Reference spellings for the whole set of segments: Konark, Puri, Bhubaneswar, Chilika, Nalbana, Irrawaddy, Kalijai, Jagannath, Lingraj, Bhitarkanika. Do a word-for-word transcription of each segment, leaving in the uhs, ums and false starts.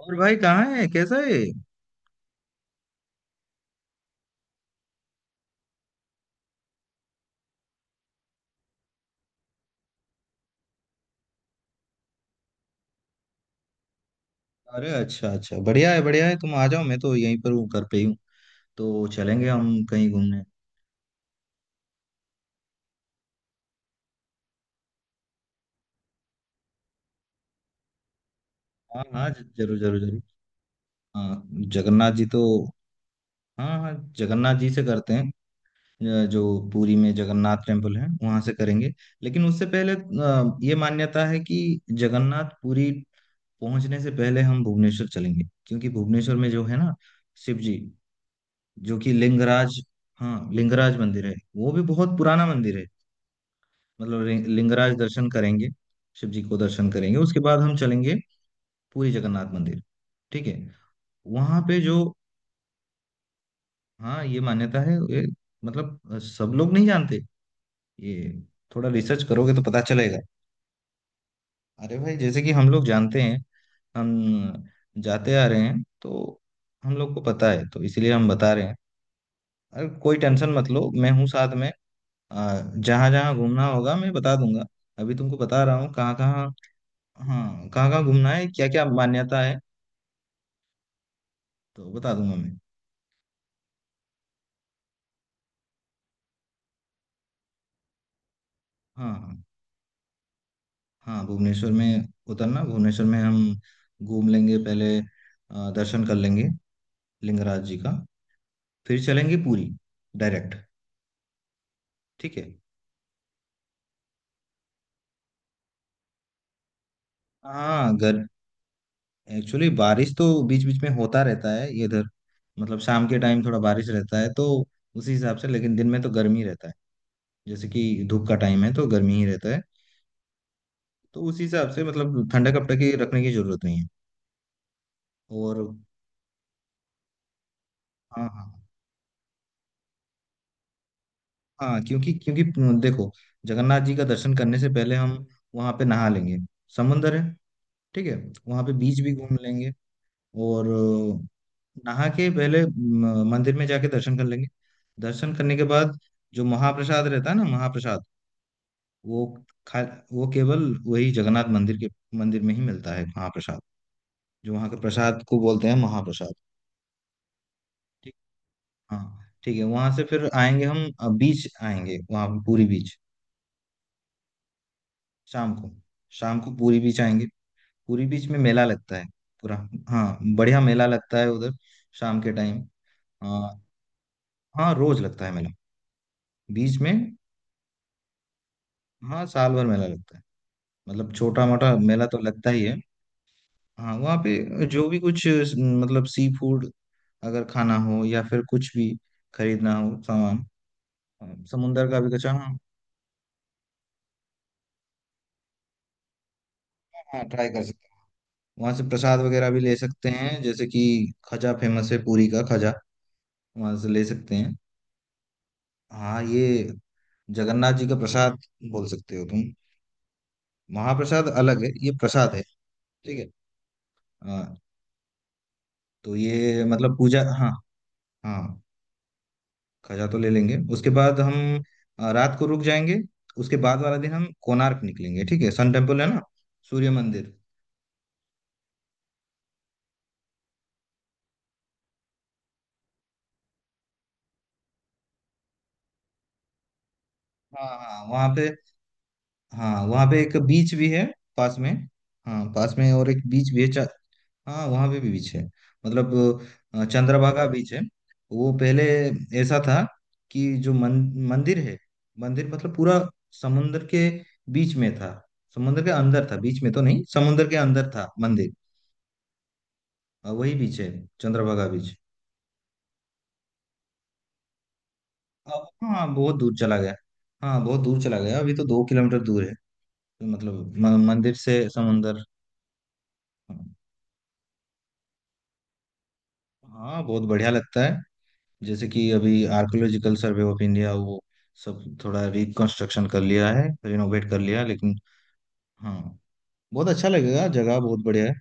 और भाई कहाँ है? कैसा है? अरे अच्छा अच्छा, बढ़िया है, बढ़िया है। तुम आ जाओ, मैं तो यहीं पर हूँ, घर पे ही हूँ। तो चलेंगे हम कहीं घूमने। हाँ हाँ, ज- जरूर जरूर जरूर। हाँ, जगन्नाथ जी तो हाँ हाँ, जगन्नाथ जी से करते हैं। अ, जो पुरी में जगन्नाथ टेम्पल है वहां से करेंगे। लेकिन उससे पहले, अ, ये मान्यता है कि जगन्नाथ पुरी पहुंचने से पहले हम भुवनेश्वर चलेंगे, क्योंकि भुवनेश्वर में जो है ना, शिव जी, जो कि लिंगराज। हाँ, लिंगराज मंदिर है, वो भी बहुत पुराना मंदिर है। मतलब लि- लिंगराज दर्शन करेंगे, शिव जी को दर्शन करेंगे। उसके बाद हम चलेंगे पूरी जगन्नाथ मंदिर। ठीक है। वहां पे जो हाँ, ये मान्यता है। ये मतलब, अ, सब लोग नहीं जानते ये। थोड़ा रिसर्च करोगे तो पता चलेगा। अरे भाई, जैसे कि हम लोग जानते हैं, हम जाते आ रहे हैं तो हम लोग को पता है, तो इसीलिए हम बता रहे हैं। अरे कोई टेंशन मत लो, मैं हूँ साथ में। जहां जहां घूमना होगा मैं बता दूंगा। अभी तुमको बता रहा हूँ कहाँ कहाँ। हाँ, कहाँ कहाँ घूमना है, क्या क्या मान्यता है, तो बता दूंगा मैं। हाँ हाँ। हाँ, भुवनेश्वर में उतरना। भुवनेश्वर में हम घूम लेंगे, पहले अ, दर्शन कर लेंगे लिंगराज जी का। फिर चलेंगे पूरी डायरेक्ट। ठीक है। हाँ गर एक्चुअली बारिश तो बीच बीच में होता रहता है इधर। मतलब शाम के टाइम थोड़ा बारिश रहता है, तो उसी हिसाब से। लेकिन दिन में तो गर्मी रहता है। जैसे कि धूप का टाइम है तो गर्मी ही रहता है। तो उसी हिसाब से, मतलब ठंडा कपड़ा की रखने की जरूरत नहीं है। और हाँ हाँ। हाँ, क्योंकि क्योंकि देखो, जगन्नाथ जी का दर्शन करने से पहले हम वहाँ पे नहा लेंगे। समुंदर है। ठीक है। वहाँ पे बीच भी घूम लेंगे। और अ, नहा के पहले म, मंदिर में जाके दर्शन कर लेंगे। दर्शन करने के बाद जो महाप्रसाद रहता है ना, महाप्रसाद, वो खा। वो केवल वही जगन्नाथ मंदिर के मंदिर में ही मिलता है महाप्रसाद। जो वहाँ के प्रसाद को बोलते हैं महाप्रसाद। ठीक। हाँ ठीक है, वहाँ से फिर आएंगे हम। अ, बीच आएंगे, वहाँ पूरी बीच। शाम को, शाम को पूरी बीच आएंगे। पूरी बीच में मेला लगता है पूरा। हाँ, बढ़िया मेला लगता है उधर, शाम के टाइम। हाँ हाँ, रोज लगता है मेला। बीच में हाँ, साल भर मेला लगता है। मतलब छोटा मोटा मेला तो लगता ही है। हाँ, वहाँ पे जो भी कुछ, मतलब सी फूड अगर खाना हो, या फिर कुछ भी खरीदना हो सामान। हाँ, समुंदर का भी कच्चा हाँ। हाँ, ट्राई कर सकते हैं। वहाँ से प्रसाद वगैरह भी ले सकते हैं, जैसे कि खजा। फेमस है पूरी का खजा, वहाँ से ले सकते हैं। हाँ, ये जगन्नाथ जी का प्रसाद बोल सकते हो तुम। महाप्रसाद अलग है, ये प्रसाद है। ठीक है। हाँ, तो ये मतलब पूजा, हाँ हाँ, खजा तो ले लेंगे। उसके बाद हम अ, रात को रुक जाएंगे। उसके बाद वाला दिन हम कोणार्क निकलेंगे, ठीक है? सन टेम्पल है ना, सूर्य मंदिर। हाँ हाँ, वहाँ पे हाँ, वहाँ पे एक बीच भी है, पास में। हाँ, पास में और एक बीच भी है। हाँ, वहाँ पे भी बीच है। मतलब अ, चंद्रभागा बीच है। वो पहले ऐसा था कि जो मन, मंदिर है, मंदिर मतलब पूरा समुंदर के बीच में था। समुंदर के अंदर था, बीच में तो नहीं, समुंदर के अंदर था मंदिर। अ, वही बीच है, चंद्रभागा बीच। अब हाँ, बहुत दूर चला गया। हाँ, बहुत दूर चला गया। अभी तो दो किलोमीटर दूर है। तो मतलब म- मंदिर से समुंदर। हाँ, बहुत बढ़िया लगता है। जैसे कि अभी आर्कियोलॉजिकल सर्वे ऑफ इंडिया वो सब थोड़ा रिकंस्ट्रक्शन कर लिया है, रिनोवेट कर लिया है, लेकिन हाँ, बहुत अच्छा लगेगा, जगह बहुत बढ़िया है।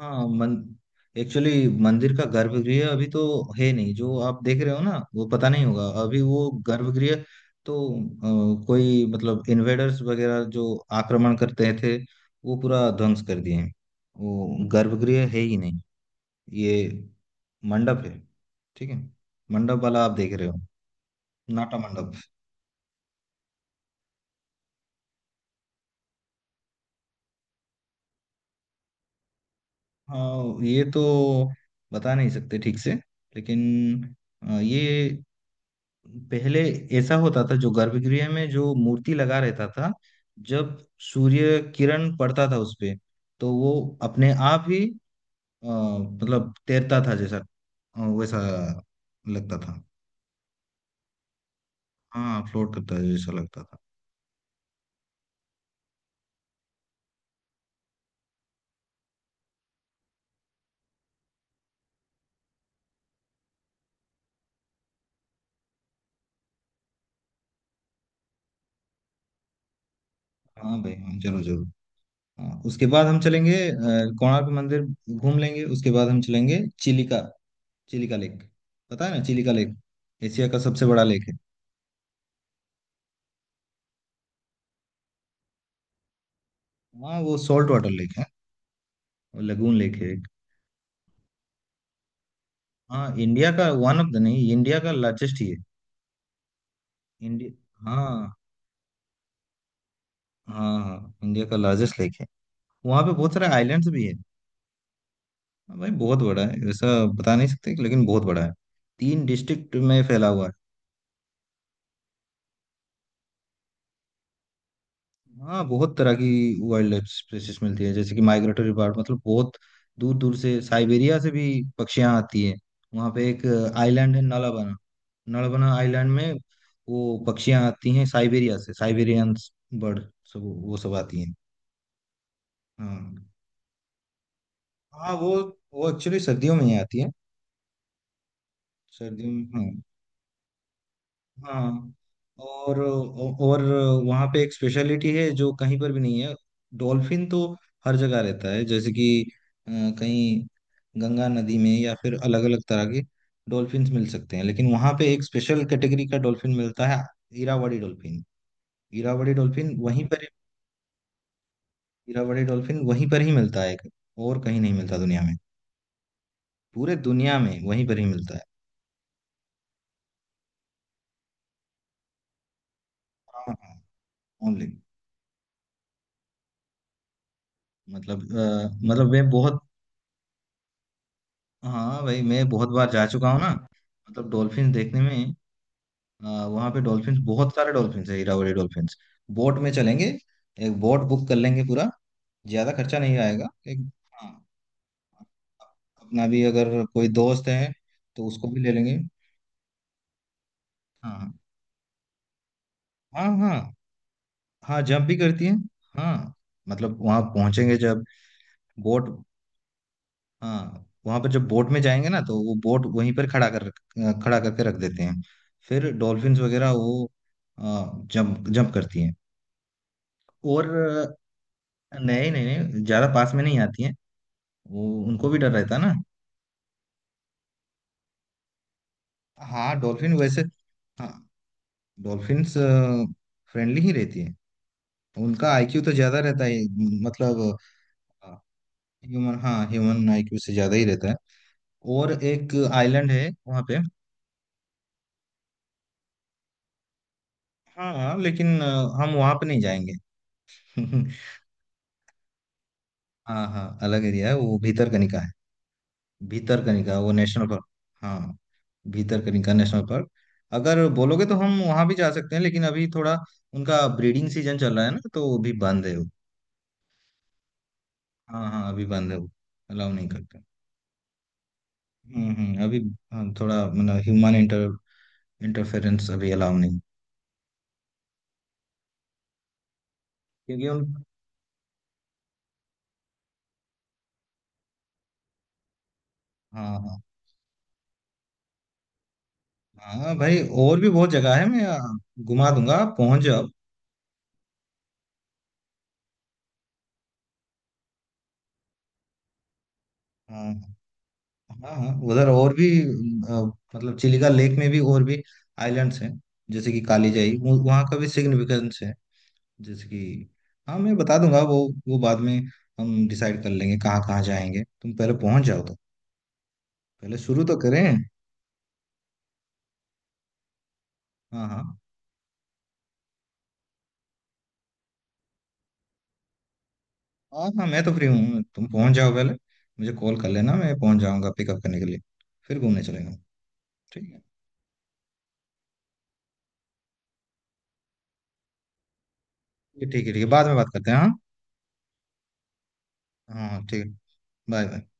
हाँ मन, एक्चुअली मंदिर का गर्भगृह अभी तो है नहीं। जो आप देख रहे हो ना, वो पता नहीं होगा अभी, वो गर्भगृह तो, अ, कोई मतलब इन्वेडर्स वगैरह जो आक्रमण करते थे, वो पूरा ध्वंस कर दिए हैं। वो गर्भगृह है ही नहीं। ये मंडप है, ठीक है? मंडप वाला आप देख रहे हो, नाटा मंडप। हाँ, ये तो बता नहीं सकते ठीक से, लेकिन अ, ये पहले ऐसा होता था, जो गर्भगृह में जो मूर्ति लगा रहता था, जब सूर्य किरण पड़ता था उस पे, तो वो अपने आप ही, अ, मतलब तैरता था जैसा, अ, वैसा लगता था। हाँ, फ्लोट करता था जैसा लगता था। हाँ भाई, हाँ जरूर जरूर। हाँ, उसके बाद हम चलेंगे अ, कोणार्क मंदिर घूम लेंगे। उसके बाद हम चलेंगे चिलिका, चिलिका लेक। पता है ना चिलिका लेक? एशिया का सबसे बड़ा लेक है। हाँ, वो सॉल्ट वाटर लेक है, और लगून लेक है एक। हाँ, इंडिया का वन ऑफ द नहीं, इंडिया का लार्जेस्ट ही है। इंडिया हाँ हाँ, हाँ इंडिया का लार्जेस्ट लेक है। वहाँ पे बहुत सारे आइलैंड्स भी है। हाँ भाई, बहुत बड़ा है। ऐसा बता नहीं सकते, लेकिन बहुत बड़ा है। तीन डिस्ट्रिक्ट में फैला हुआ है। हाँ, बहुत तरह की वाइल्ड लाइफ स्पीसीज मिलती है। जैसे कि माइग्रेटरी बर्ड, मतलब बहुत दूर दूर से, साइबेरिया से भी पक्षियाँ आती है। वहाँ पे एक आइलैंड है नलबना, नलबना आइलैंड में वो पक्षियाँ आती हैं, साइबेरिया से, साइबेरियन बर्ड, सब वो सब आती हैं। हाँ हाँ, वो वो एक्चुअली सर्दियों में ही आती है। सर्दियों में हाँ, हाँ। और और वहाँ पे एक स्पेशलिटी है जो कहीं पर भी नहीं है। डॉल्फिन तो हर जगह रहता है, जैसे कि अ, कहीं गंगा नदी में या फिर अलग अलग तरह के डॉल्फिन्स मिल सकते हैं, लेकिन वहाँ पे एक स्पेशल कैटेगरी का डॉल्फिन मिलता है, इरावदी डॉल्फिन। इरावदी डॉल्फिन वहीं पर, इरावदी डॉल्फिन वहीं पर ही मिलता है, और कहीं नहीं मिलता दुनिया में। पूरे दुनिया में वहीं पर ही मिलता है। हाँ हाँ, ओनली। मतलब अ, मतलब वे बहुत, हाँ भाई, मैं बहुत बार जा चुका हूँ ना। मतलब डॉल्फिन देखने में, आ, वहाँ पे डॉल्फिन, बहुत सारे डॉल्फिन है, हीरावरी डॉल्फिन। बोट में चलेंगे, एक बोट बुक कर लेंगे पूरा। ज्यादा खर्चा नहीं आएगा एक। हाँ, अपना भी अगर कोई दोस्त है तो उसको भी ले लेंगे। हाँ हाँ। हाँ हाँ। हाँ, जंप भी करती है। हाँ, मतलब वहाँ पहुंचेंगे जब बोट, हाँ वहाँ पर जब बोट में जाएंगे ना, तो वो बोट वहीं पर खड़ा कर, खड़ा करके रख देते हैं। फिर डॉल्फिन्स वगैरह वो जंप जंप करती हैं। और नहीं नहीं नहीं, ज्यादा पास में नहीं आती हैं, वो उनको भी डर रहता है ना। हाँ, डॉल्फिन वैसे हाँ, डॉल्फिन्स फ्रेंडली ही रहती है। उनका आईक्यू तो ज्यादा रहता है। मतलब ह्यूमन, हाँ ह्यूमन आईक्यू से ज्यादा ही रहता है। और एक आइलैंड है वहाँ पे। हाँ हाँ, लेकिन अ, हम वहाँ पे नहीं जाएंगे हाँ हाँ, अलग एरिया है, वो भीतरकनिका है। भीतरकनिका वो नेशनल पार्क। हाँ, भीतरकनिका नेशनल पार्क, अगर बोलोगे तो हम वहां भी जा सकते हैं, लेकिन अभी थोड़ा उनका ब्रीडिंग सीजन चल रहा है ना, तो वो भी बंद है वो। हाँ हाँ, अभी बंद है वो, अलाउ नहीं करते। हम्म हम्म, अभी हाँ, थोड़ा मतलब ह्यूमन इंटर, इंटरफेरेंस अभी अलाउ नहीं, क्योंकि उन, हाँ हाँ। हाँ भाई, और भी बहुत जगह है। मैं आ, घुमा दूंगा, आप पहुंच जाओ। हाँ हाँ। हाँ, उधर और भी, आ, मतलब चिलिका लेक में भी और भी आइलैंड्स हैं, जैसे कि कालीजाई, वो- वहाँ का भी सिग्निफिकेंस है। जैसे कि हाँ, मैं बता दूंगा वो वो बाद में हम डिसाइड कर लेंगे कहाँ कहाँ जाएंगे। तुम पहले पहुंच जाओ तो, पहले शुरू तो करें। हाँ हाँ। हाँ हाँ, मैं तो फ्री हूँ, तुम पहुंच जाओ पहले। मुझे कॉल कर लेना, मैं पहुंच जाऊंगा पिकअप करने के लिए, फिर घूमने चलेंगे। ठीक है। ठीक है, ठीक है, बाद में बात करते हैं। हाँ हाँ ठीक है, बाय बाय।